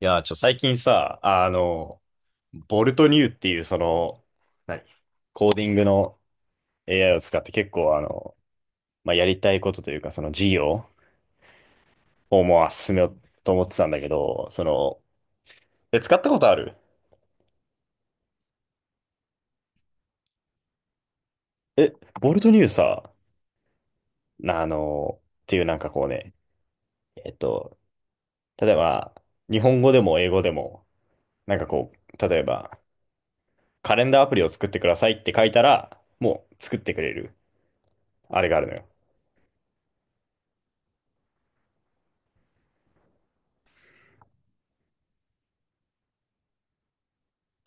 最近さ、ボルトニューっていう、何コーディングの AI を使って結構、まあ、やりたいことというか、その事業をもう進めようと思ってたんだけど、使ったことあるえ、ボルトニューさ、なあの、っていうなんかこうね、えっと、例えば、日本語でも英語でも、例えば、カレンダーアプリを作ってくださいって書いたら、もう作ってくれる、あれがあるのよ。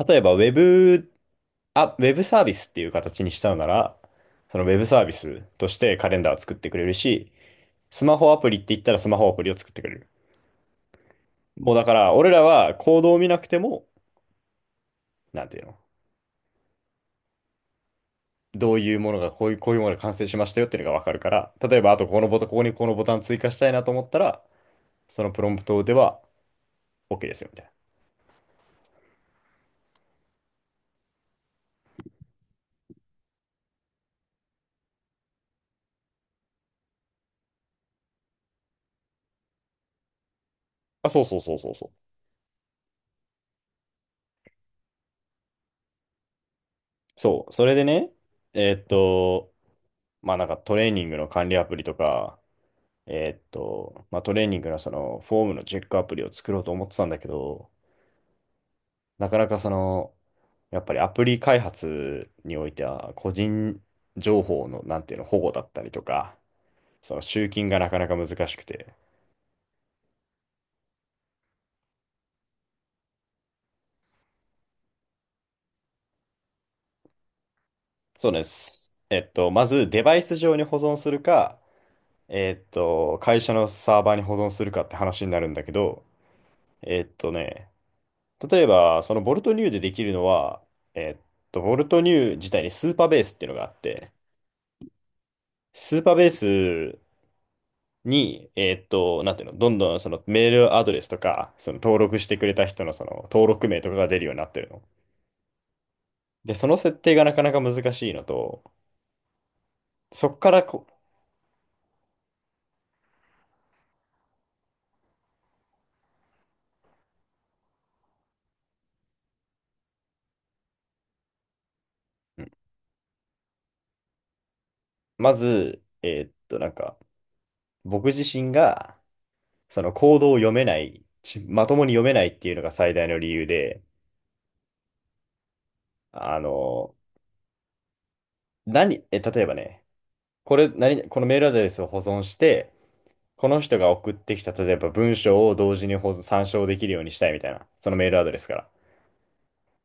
例えば、ウェブサービスっていう形にしたのなら、そのウェブサービスとしてカレンダーを作ってくれるし、スマホアプリって言ったらスマホアプリを作ってくれる。もうだから、俺らはコードを見なくても、なんていうの、どういうものが、こういうものが完成しましたよっていうのがわかるから、例えば、あとこのボタン、ここにこのボタン追加したいなと思ったら、そのプロンプトでは OK ですよ、みたいな。あ、そうそうそうそうそう。そう、それでね、えーっと、まあなんかトレーニングの管理アプリとか、まあ、トレーニングのそのフォームのチェックアプリを作ろうと思ってたんだけど、なかなかその、やっぱりアプリ開発においては個人情報の、なんていうの、保護だったりとか、その集金がなかなか難しくて。そうです。まずデバイス上に保存するか、会社のサーバーに保存するかって話になるんだけど、えっとね、例えば、そのボルトニューでできるのは、えっボルトニュー自体にスーパーベースっていうのがあって、スーパーベースに、なんていうの、どんどんそのメールアドレスとか、その登録してくれた人のその登録名とかが出るようになってるの。で、その設定がなかなか難しいのと、そこからこ、うんまず、僕自身が、そのコードを読めない、ちまともに読めないっていうのが最大の理由で、あの、例えばね、これ、何、このメールアドレスを保存して、この人が送ってきた、例えば文章を同時に保存参照できるようにしたいみたいな、そのメールアドレスから。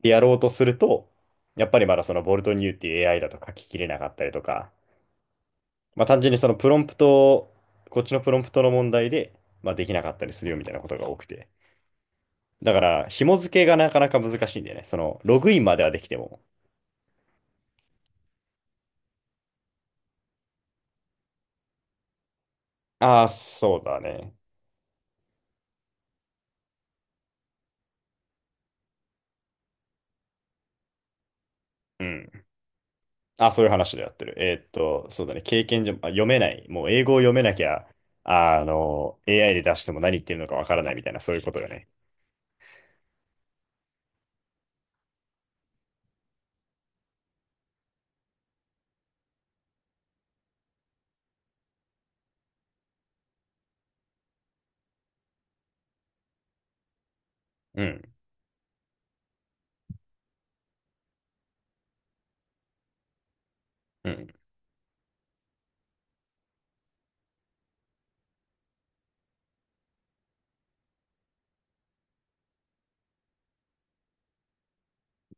でやろうとすると、やっぱりまだそのボルトニューっていう AI だと書ききれなかったりとか、まあ単純にそのプロンプトを、こっちのプロンプトの問題で、まあできなかったりするよみたいなことが多くて。だから、紐付けがなかなか難しいんだよね。その、ログインまではできても。ああ、そうだね。うん。あ、そういう話でやってる。そうだね。経験上、あ、読めない。もう英語を読めなきゃ、AI で出しても何言ってるのかわからないみたいな、そういうことよね。うん、うん、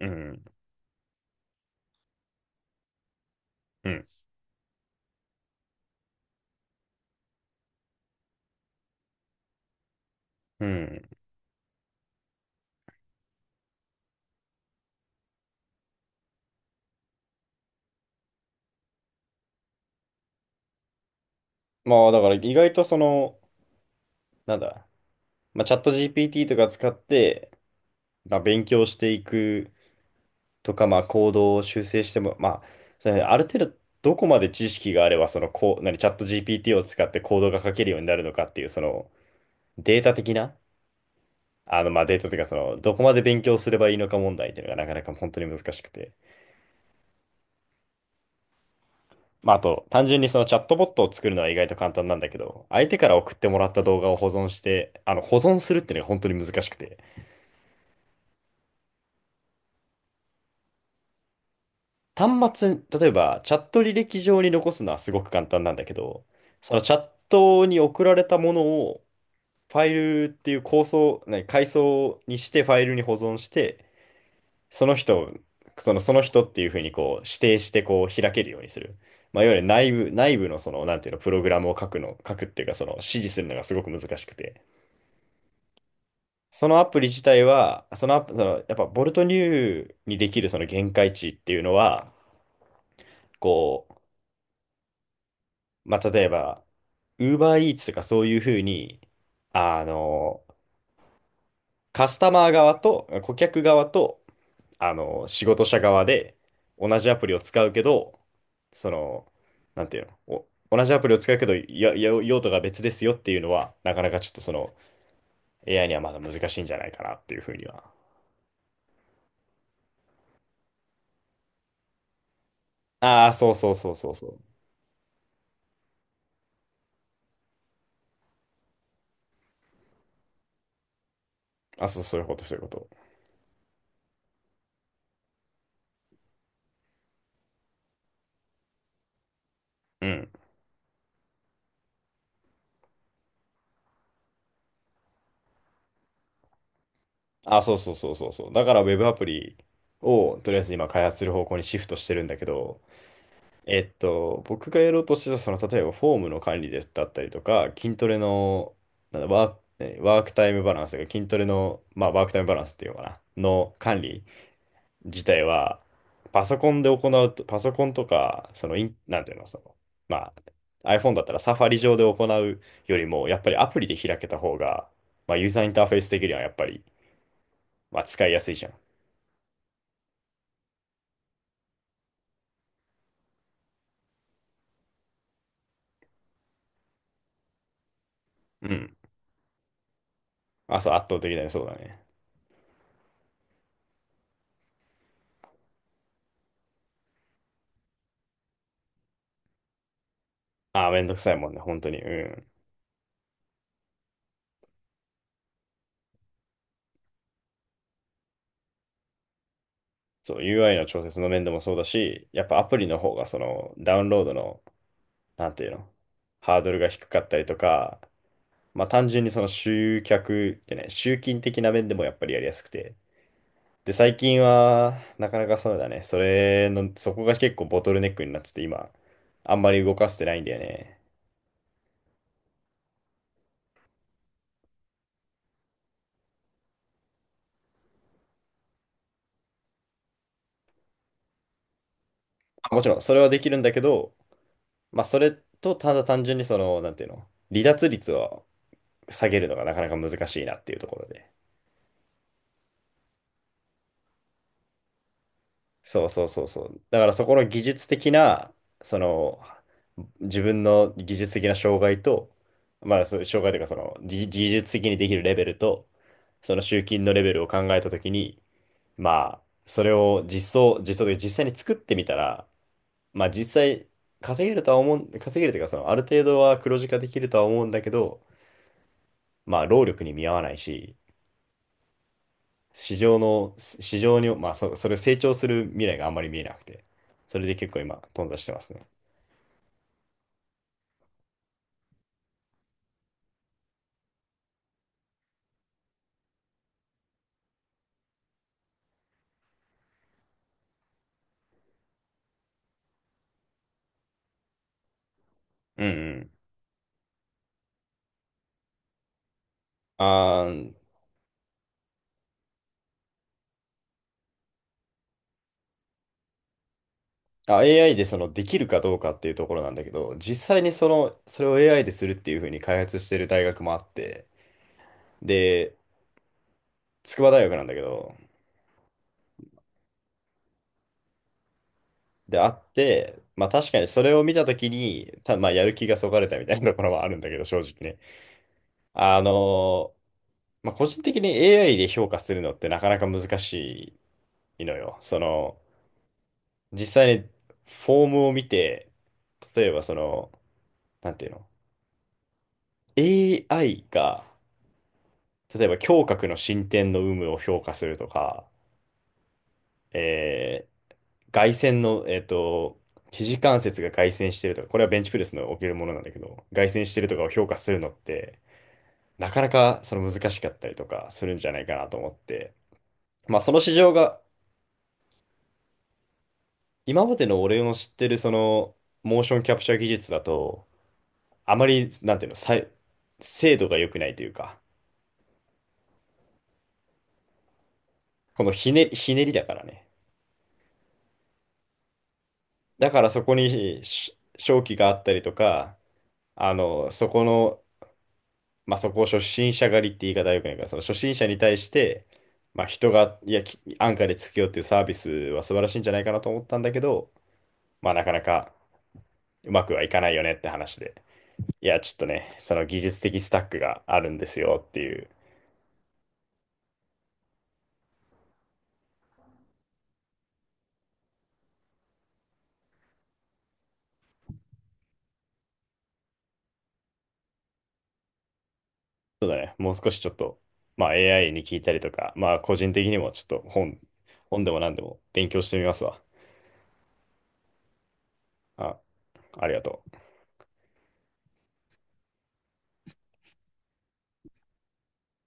うん、うん、うん。まあ、だから意外とその、なんだ、まあ、チャット GPT とか使って、まあ、勉強していくとか、まあ、行動を修正しても、まあ、それある程度、どこまで知識があれば、チャット GPT を使ってコードが書けるようになるのかっていう、その、データ的な、まあ、データというか、その、どこまで勉強すればいいのか問題っていうのがなかなか本当に難しくて。まあ、あと、単純にそのチャットボットを作るのは意外と簡単なんだけど、相手から送ってもらった動画を保存して、保存するっていうのが本当に難しくて。端末、例えば、チャット履歴上に残すのはすごく簡単なんだけど、そのチャットに送られたものを、ファイルっていう構想、何、階層にしてファイルに保存して、その人を、その、その人っていうふうにこう指定してこう開けるようにする。まあ、いわゆる内部、内部のその、なんていうの、プログラムを書くの、書くっていうか、その指示するのがすごく難しくて。そのアプリ自体は、そのアプ、その、やっぱボルトニューにできるその限界値っていうのは、こまあ、例えば、UberEats とかそういうふうに、あの、カスタマー側と顧客側と仕事者側で同じアプリを使うけど、その、なんていうの、お、同じアプリを使うけど、用途が別ですよっていうのは、なかなかちょっとその AI にはまだ難しいんじゃないかなっていうふうには。ああ、そうそうそうそうそう。あ、そう、そういうこと、そういうこと。うん。あ、そうそうそうそうそう。だから Web アプリをとりあえず今開発する方向にシフトしてるんだけど、僕がやろうとしてた、その、例えばフォームの管理でだったりとか、筋トレの、なんだ、ワーク、えワークタイムバランスが、筋トレの、まあ、ワークタイムバランスっていうのかな、の管理自体は、パソコンとか、その、イン、なんていうの、その、まあ、iPhone だったらサファリ上で行うよりも、やっぱりアプリで開けた方が、まあ、ユーザーインターフェース的にはやっぱり、まあ、使いやすいじゃん。うん。あ、そう、圧倒的だね、そうだね。あ、めんどくさいもんね、本当に。うん。そう、UI の調節の面でもそうだし、やっぱアプリの方がそのダウンロードの、なんていうの、ハードルが低かったりとか、まあ単純にその集客ってね、集金的な面でもやっぱりやりやすくて。で、最近は、なかなかそうだね、それの、そこが結構ボトルネックになってて、今、あんまり動かせてないんだよね。まあもちろん、それはできるんだけど、まあそれと、ただ単純にその、なんていうの、離脱率を下げるのがなかなか難しいなっていうところで。そうそうそうそう。だからそこの技術的な、その、自分の技術的な障害と、まあ、そう障害というか、その、技技術的にできるレベルと、その集金のレベルを考えたときに、まあ、それを実装、実装というか実際に作ってみたら、まあ実際稼げるとは思う、稼げるというか、その、ある程度は黒字化できるとは思うんだけど、まあ、労力に見合わないし、市場に、それ成長する未来があんまり見えなくて、それで結構今、頓挫してますね。うんうん。あーあ、AI でそのできるかどうかっていうところなんだけど、実際にその、それを AI でするっていうふうに開発してる大学もあって、で、筑波大学なんだけど、で、あって、まあ確かにそれを見たときに、まあやる気がそがれたみたいなところはあるんだけど、正直ね。あのーまあ個人的に AI で評価するのってなかなか難しいのよ。実際にフォームを見て、例えばその、なんていうの AI が、例えば胸郭の進展の有無を評価するとか、えー外旋の、肘関節が外旋してるとか、これはベンチプレスの起きるものなんだけど、外旋してるとかを評価するのって、なかなかその難しかったりとかするんじゃないかなと思って、まあその市場が、今までの俺の知ってるその、モーションキャプチャー技術だと、あまり、なんていうの、さい精度が良くないというか、このひね、ひねりだからね。だからそこに商機があったりとか、あの、そこの、まあ、そこを初心者狩りって言い方はよくないから、その初心者に対して、まあ、人が、いや、き安価でつけようっていうサービスは素晴らしいんじゃないかなと思ったんだけど、まあ、なかなかうまくはいかないよねって話で、いや、ちょっとね、その技術的スタックがあるんですよっていう、そうだね、もう少しちょっと、まあ、AI に聞いたりとか、まあ、個人的にもちょっと本、本でも何でも勉強してみますわ。あ、ありがとう。